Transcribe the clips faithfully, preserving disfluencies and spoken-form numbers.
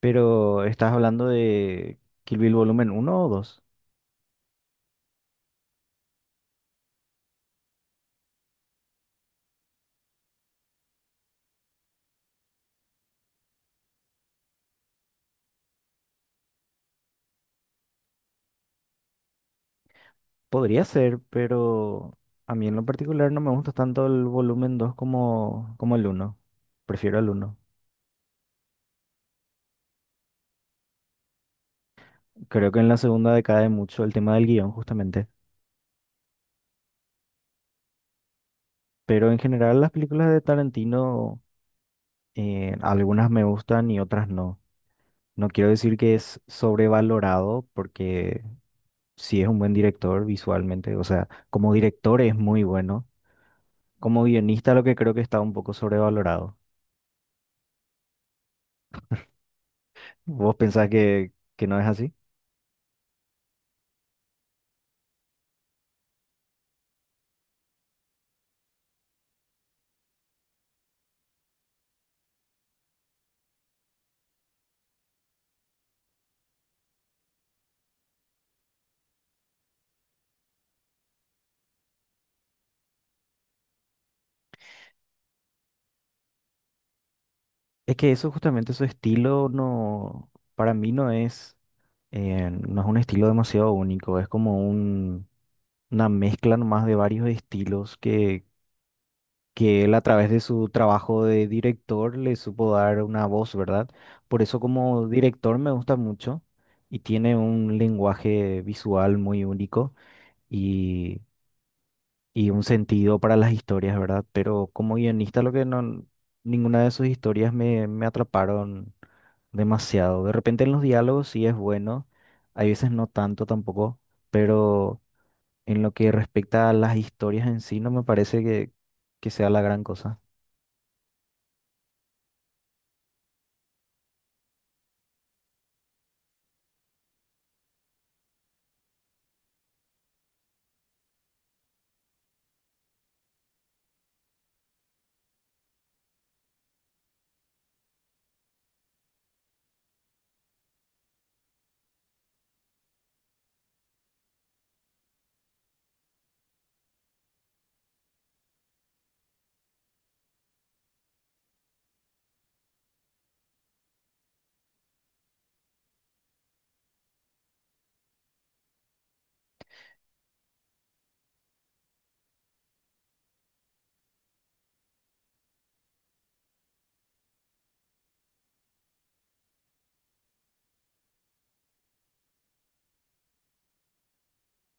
Pero estás hablando de Kill Bill volumen uno o dos. Podría ser, pero a mí en lo particular no me gusta tanto el volumen dos como, como el uno. Prefiero el uno. Creo que en la segunda decae mucho el tema del guión, justamente. Pero en general las películas de Tarantino, eh, algunas me gustan y otras no. No quiero decir que es sobrevalorado porque sí es un buen director visualmente. O sea, como director es muy bueno. Como guionista lo que creo que está un poco sobrevalorado. ¿Vos pensás que, que no es así? Es que eso justamente su estilo no, para mí no es, eh, no es un estilo demasiado único, es como un, una mezcla nomás de varios estilos que, que él a través de su trabajo de director le supo dar una voz, ¿verdad? Por eso como director me gusta mucho y tiene un lenguaje visual muy único y un sentido para las historias, ¿verdad? Pero como guionista, lo que no, ninguna de sus historias me, me atraparon demasiado. De repente en los diálogos sí es bueno, hay veces no tanto tampoco, pero en lo que respecta a las historias en sí, no me parece que, que sea la gran cosa.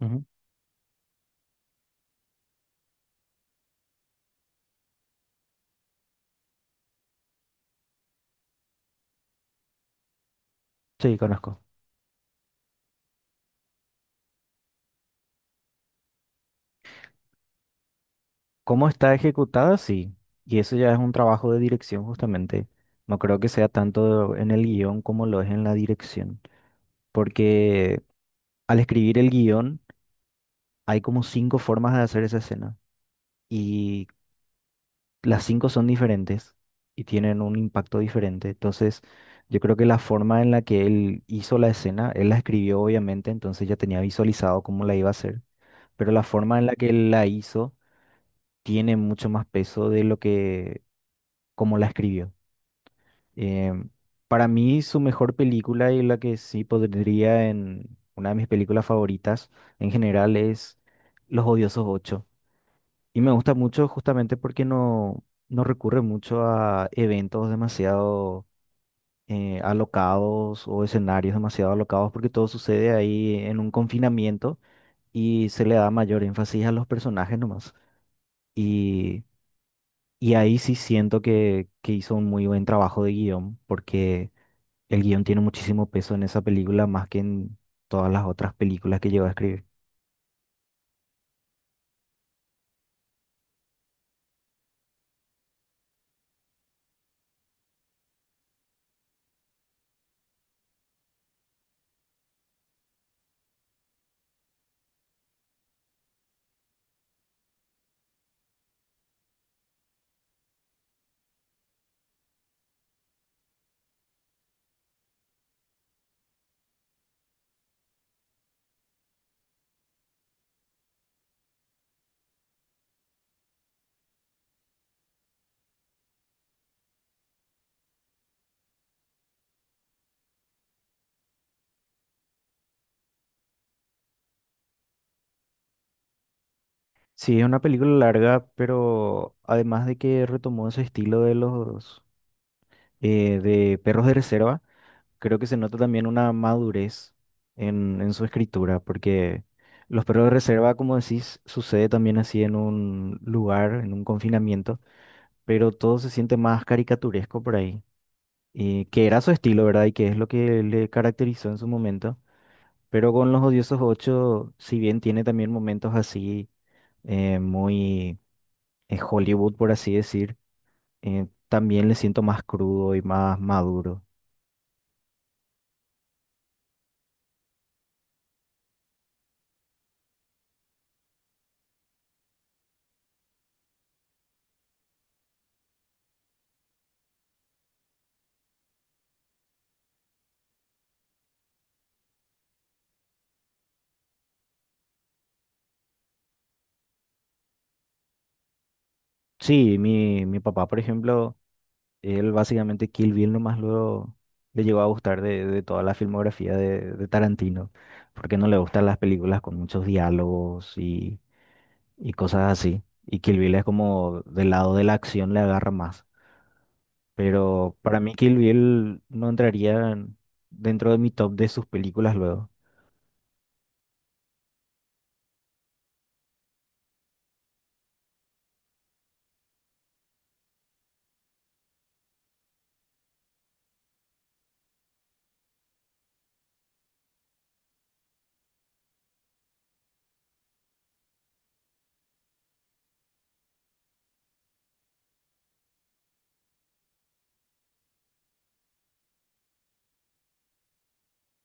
Ujú. Sí, conozco. ¿Cómo está ejecutada? Sí. Y eso ya es un trabajo de dirección justamente. No creo que sea tanto en el guión como lo es en la dirección. Porque al escribir el guión, hay como cinco formas de hacer esa escena y las cinco son diferentes y tienen un impacto diferente. Entonces, yo creo que la forma en la que él hizo la escena, él la escribió obviamente, entonces ya tenía visualizado cómo la iba a hacer, pero la forma en la que él la hizo tiene mucho más peso de lo que como la escribió. Em, para mí, su mejor película y la que sí podría en una de mis películas favoritas en general es Los Odiosos. Y me gusta mucho justamente porque no, no recurre mucho a eventos demasiado eh, alocados o escenarios demasiado alocados porque todo sucede ahí en un confinamiento y se le da mayor énfasis a los personajes nomás. Y, y ahí sí siento que, que hizo un muy buen trabajo de guión porque el guión tiene muchísimo peso en esa película más que en todas las otras películas que llegó a escribir. Sí, es una película larga, pero además de que retomó ese estilo de los eh, de Perros de Reserva, creo que se nota también una madurez en, en su escritura, porque los Perros de Reserva, como decís, sucede también así en un lugar, en un confinamiento, pero todo se siente más caricaturesco por ahí, y que era su estilo, ¿verdad? Y que es lo que le caracterizó en su momento, pero con Los Odiosos ocho si bien tiene también momentos así eh, muy eh, Hollywood, por así decir, eh, también le siento más crudo y más maduro. Sí, mi, mi papá, por ejemplo, él básicamente Kill Bill nomás luego le llegó a gustar de, de toda la filmografía de, de Tarantino, porque no le gustan las películas con muchos diálogos y, y cosas así. Y Kill Bill es como del lado de la acción le agarra más. Pero para mí Kill Bill no entraría en- dentro de mi top de sus películas luego.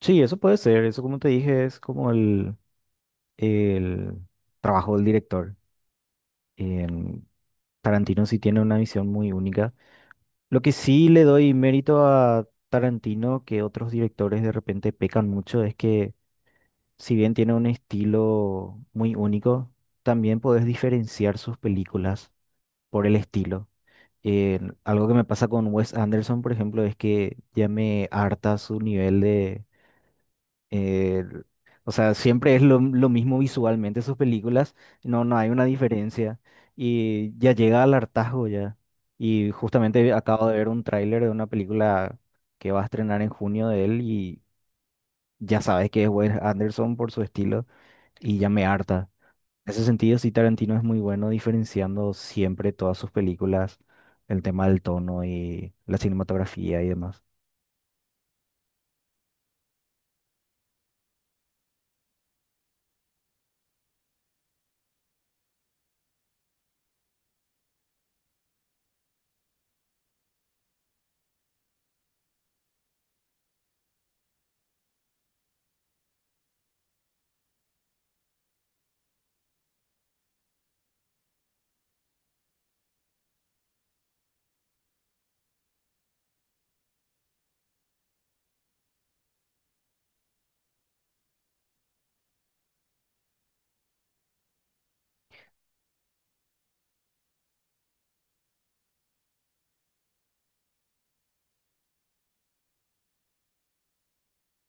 Sí, eso puede ser, eso como te dije es como el, el trabajo del director. Em, Tarantino sí tiene una visión muy única. Lo que sí le doy mérito a Tarantino, que otros directores de repente pecan mucho, es que si bien tiene un estilo muy único, también podés diferenciar sus películas por el estilo. Eh, algo que me pasa con Wes Anderson, por ejemplo, es que ya me harta su nivel de eh, o sea, siempre es lo, lo mismo visualmente sus películas, no, no hay una diferencia y ya llega al hartazgo ya. Y justamente acabo de ver un tráiler de una película que va a estrenar en junio de él y ya sabes que es Wes Anderson por su estilo y ya me harta. En ese sentido, sí, Tarantino es muy bueno diferenciando siempre todas sus películas, el tema del tono y la cinematografía y demás.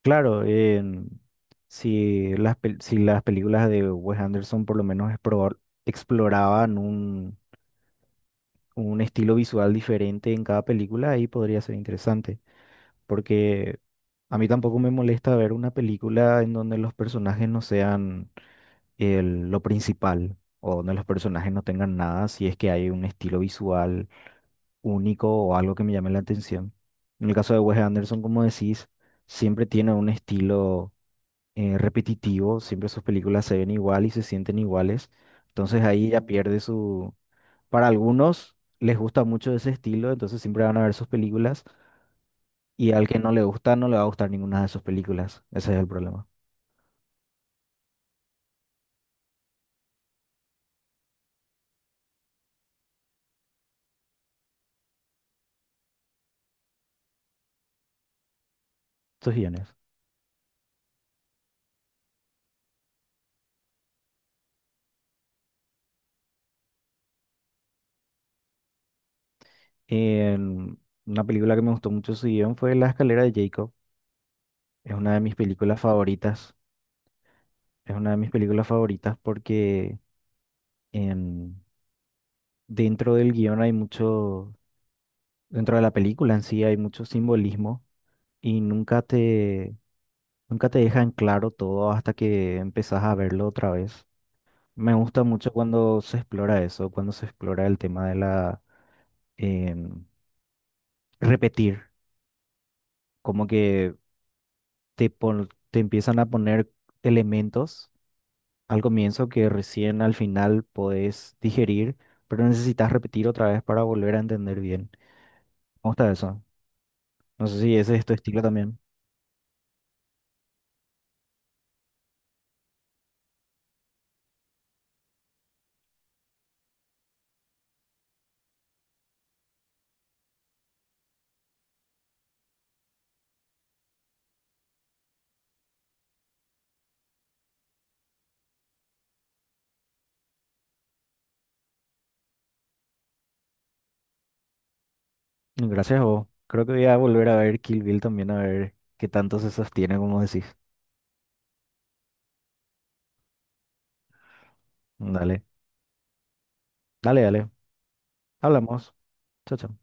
Claro, em, si las, pel- si las películas de Wes Anderson por lo menos explor- exploraban un, un estilo visual diferente en cada película, ahí podría ser interesante, porque a mí tampoco me molesta ver una película en donde los personajes no sean el- lo principal o donde los personajes no tengan nada, si es que hay un estilo visual único o algo que me llame la atención. En el caso de Wes Anderson, como decís, siempre tiene un estilo eh, repetitivo, siempre sus películas se ven igual y se sienten iguales, entonces ahí ya pierde su. Para algunos les gusta mucho ese estilo, entonces siempre van a ver sus películas y al que no le gusta no le va a gustar ninguna de sus películas, ese es el problema, sus guiones. En- una película que me gustó mucho su guión fue La Escalera de Jacob, es una de mis películas favoritas, es una de mis películas favoritas porque en- dentro del guión hay mucho. Dentro de la película en sí hay mucho simbolismo y nunca te, nunca te dejan claro todo hasta que empezás a verlo otra vez. Me gusta mucho cuando se explora eso, cuando se explora el tema de la em, repetir, como que te, pon- te empiezan a poner elementos al comienzo que recién al final podés digerir, pero necesitas repetir otra vez para volver a entender bien. Me gusta eso. No sé si ese es tu estilo también. Gracias a vos. Creo que voy a volver a ver Kill Bill también, a ver qué tanto se sostiene, como decís. Dale, dale, dale. Hablamos. Chao, chao.